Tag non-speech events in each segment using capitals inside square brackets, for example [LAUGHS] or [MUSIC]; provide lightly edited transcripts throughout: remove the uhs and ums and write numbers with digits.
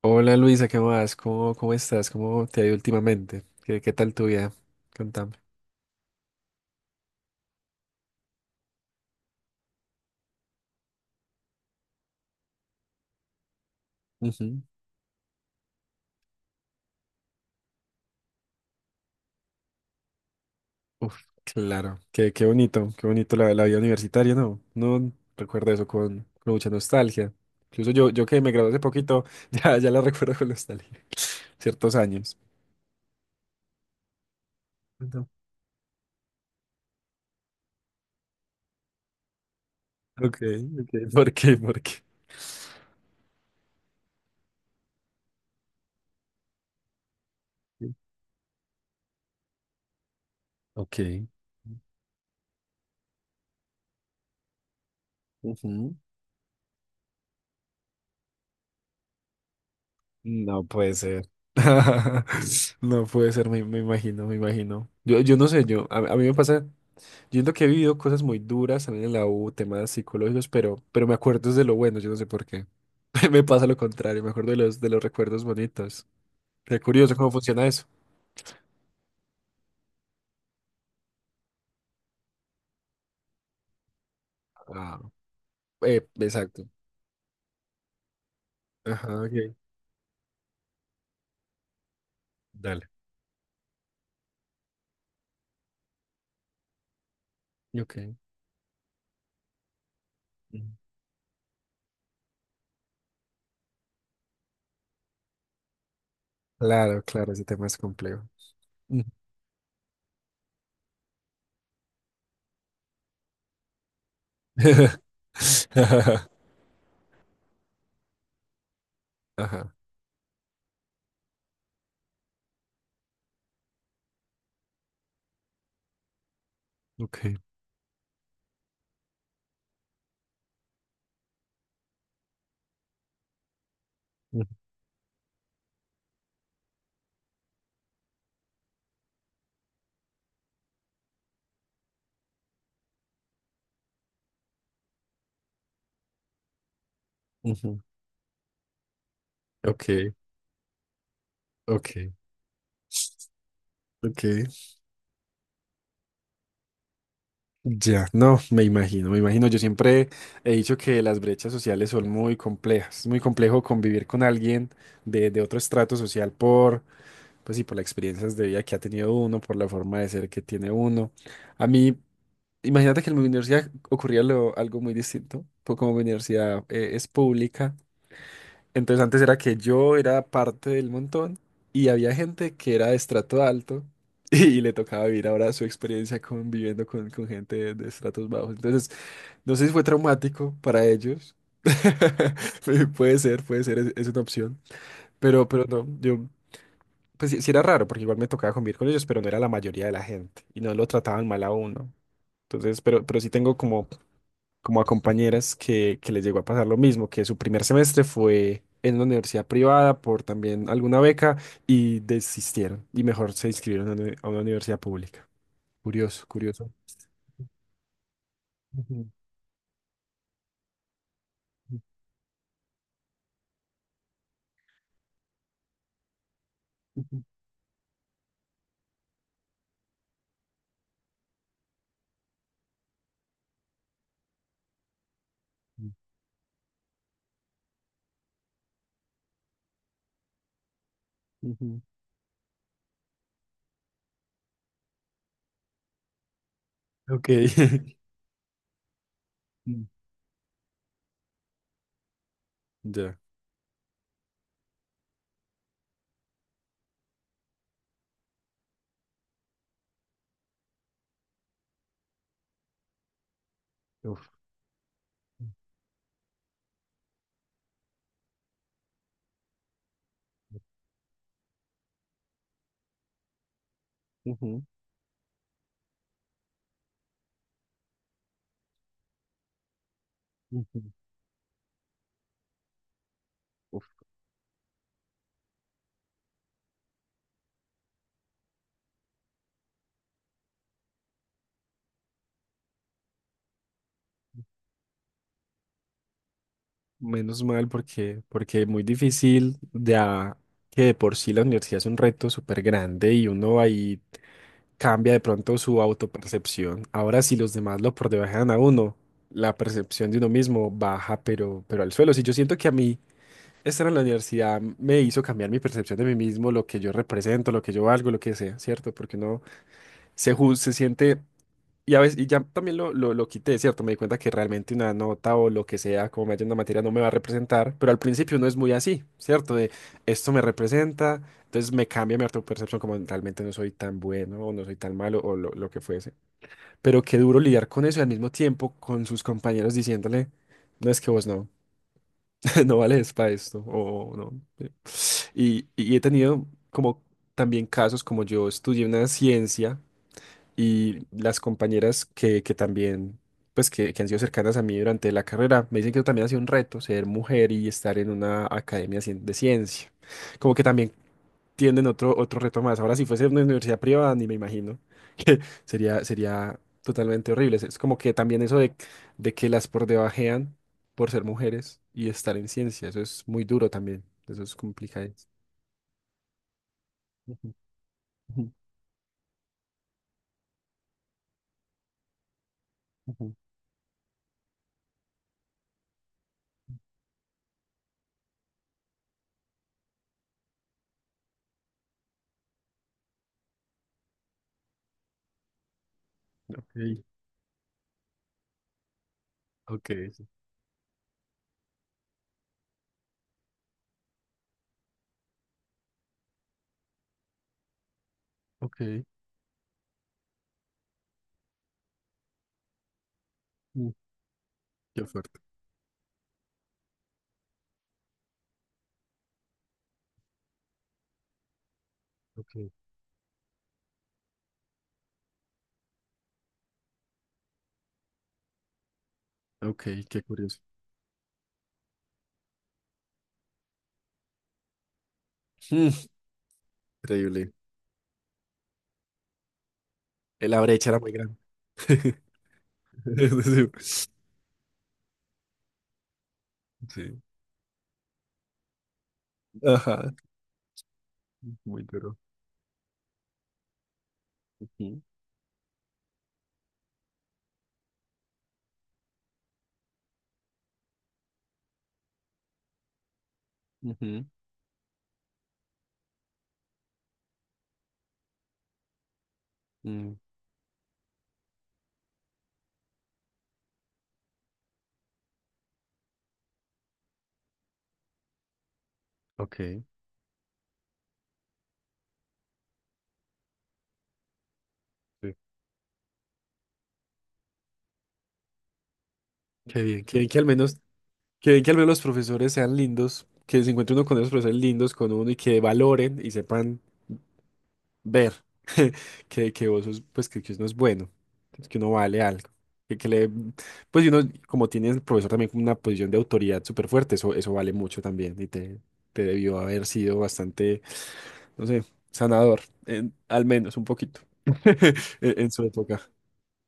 Hola Luisa, ¿qué más? ¿Cómo estás? ¿Cómo te ha ido últimamente? ¿Qué tal tu vida? Contame. Ujú. Uf, claro. Qué bonito la vida universitaria, ¿no? No recuerdo eso con mucha nostalgia. Incluso yo que me gradué hace poquito, [LAUGHS] ya la recuerdo con nostalgia. Ciertos años. No. Ok, ok. ¿Por qué? ¿Por qué? Ok. Ujú. No puede ser. [LAUGHS] No puede ser, me imagino, me imagino. Yo no sé, yo, a mí me pasa. Yo siento que he vivido cosas muy duras también en la U, temas psicológicos, pero me acuerdo es de lo bueno, yo no sé por qué. [LAUGHS] Me pasa lo contrario, me acuerdo de los recuerdos bonitos. Qué curioso cómo funciona eso. Ah, exacto. Ajá, ok. Dale. Ok. Ujú. Claro, claro, ese tema es complejo. Ujú. [LAUGHS] Ajá, ok. Ujú. Ujú. Ok, ok, ok. Ya, no, me imagino, me imagino. Yo siempre he dicho que las brechas sociales son muy complejas. Es muy complejo convivir con alguien de otro estrato social por, pues sí, por las experiencias de vida que ha tenido uno, por la forma de ser que tiene uno. A mí, imagínate que en mi universidad ocurría lo- algo muy distinto, pues como mi universidad es pública. Entonces antes era que yo era parte del montón y había gente que era de estrato alto [LAUGHS] y, le tocaba vivir ahora su experiencia conviviendo con gente de estratos bajos. Entonces, no sé si fue traumático para ellos. [LAUGHS] Pu- puede ser, es una opción. Pero no, yo, pues sí, sí era raro porque igual me tocaba convivir con ellos, pero no era la mayoría de la gente y no lo trataban mal a uno. Entonces, pero sí tengo como como a compañeras que les llegó a pasar lo mismo, que su primer semestre fue en una universidad privada por también alguna beca y desistieron y mejor se inscribieron a una, uni- a una universidad pública. Curioso, curioso. Ujú, ujú, ujú. Ok. [LAUGHS] Mm. Ya. Uf. Ujú, ujú. Uf. Menos mal porque, porque es muy difícil, ya que de por sí la universidad es un reto súper grande y uno ahí cambia de pronto su autopercepción. Ahora, si los demás lo debajan a uno, la percepción de uno mismo baja, pero al suelo. Si yo siento que a mí estar en la universidad me hizo cambiar mi percepción de mí mismo, lo que yo represento, lo que yo valgo, lo que sea, ¿cierto? Porque uno se, ju- se siente y a veces, y ya también lo quité, ¿cierto? Me di cuenta que realmente una nota o lo que sea, como me haya una materia, no me va a representar, pero al principio no es muy así, ¿cierto? De esto me representa, entonces me cambia mi autopercepción como realmente no soy tan bueno o no soy tan malo o lo que fuese. Pero qué duro lidiar con eso y al mismo tiempo con sus compañeros diciéndole, no es que vos no, [LAUGHS] no vales para esto o no. Sí. Y he tenido como también casos como yo estudié una ciencia. Y las compañeras que también, pues que han sido cercanas a mí durante la carrera, me dicen que eso también ha sido un reto, ser mujer y estar en una academia cien- de ciencia. Como que también tienden otro, otro reto más. Ahora, si fuese una universidad privada, ni me imagino [LAUGHS] que sería, sería totalmente horrible. Es como que también eso de que las por debajean por ser mujeres y estar en ciencia, eso es muy duro también. Eso es complicado. Ujú, ujú, ujú. Ok, ok, sí, ok. Mm, qué fuerte. Ok, qué curioso. Mm, increíble. La brecha era muy grande. [LAUGHS] Sí. Sí. Ajá. Muy duro. Ujú, ujú, mm, ok. Sí. Qué bien que al menos, qué bien que al menos los profesores sean lindos, que se encuentre uno con esos profesores lindos, con uno y que valoren y sepan. Ver [LAUGHS] que vos sos, pues que uno es bueno, que uno vale algo. Que le, pues y uno, como tiene el profesor también como una posición de autoridad súper fuerte, eso vale mucho también y te debió haber sido bastante, no sé, sanador, en- al menos un poquito, [LAUGHS] en su época.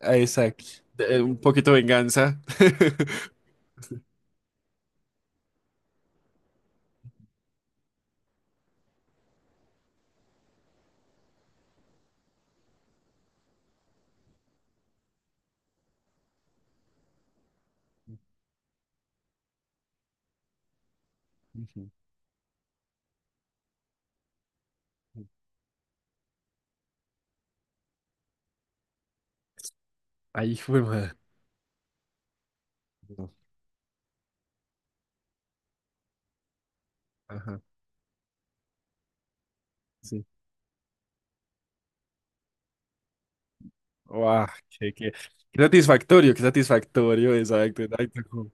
Ah, exacto. Un poquito de venganza. [LAUGHS] Ujú. Ay, hijo de madre. No. Ajá, sí. Guau, qué, qué- qué satisfactorio, exacto, exacto, como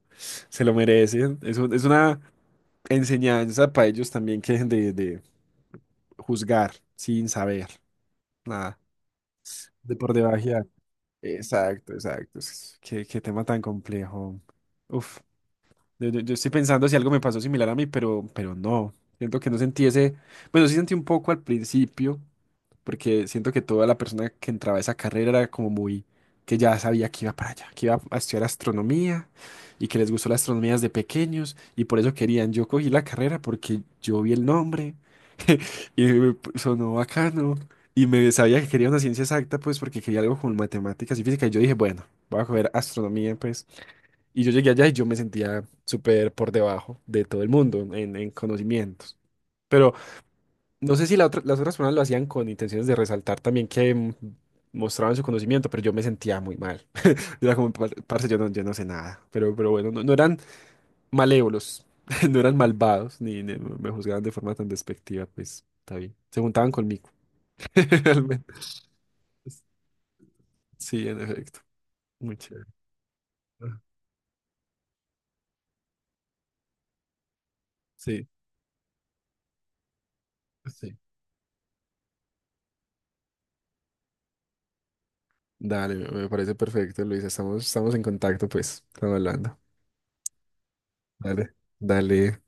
se lo merecen. Es, un- es una enseñanza para ellos también que dejen de juzgar sin saber nada, de por debajear. Exacto, exacto. Es- Qué, qué tema tan complejo. Uf. Yo- yo estoy pensando si algo me pasó similar a mí, pero no. Siento que no sentí ese. Bueno, sí sentí un poco al principio, porque siento que toda la persona que entraba a esa carrera era como muy. Que ya sabía que iba para allá, que iba a estudiar astronomía y que les gustó la astronomía desde pequeños y por eso querían. Yo cogí la carrera porque yo vi el nombre [LAUGHS] y me sonó bacano y me sabía que quería una ciencia exacta, pues porque quería algo con matemáticas y física. Y yo dije, bueno, voy a coger astronomía, pues. Y yo llegué allá y yo me sentía súper por debajo de todo el mundo en conocimientos. Pero no sé si la otra- las otras personas lo hacían con intenciones de resaltar también que mostraban su conocimiento, pero yo me sentía muy mal. [LAUGHS] Yo era como, "Par- parce, yo no, yo no sé nada". Pero bueno, no, no eran malévolos, [LAUGHS] no eran malvados, ni, ni me juzgaban de forma tan despectiva, pues está bien. Se juntaban conmigo, [LAUGHS] realmente. Sí, en efecto. Muy chévere. Ah, sí, sí. Dale, me parece perfecto, Luisa. Estamos, estamos en contacto, pues. Estamos hablando. Dale. Dale.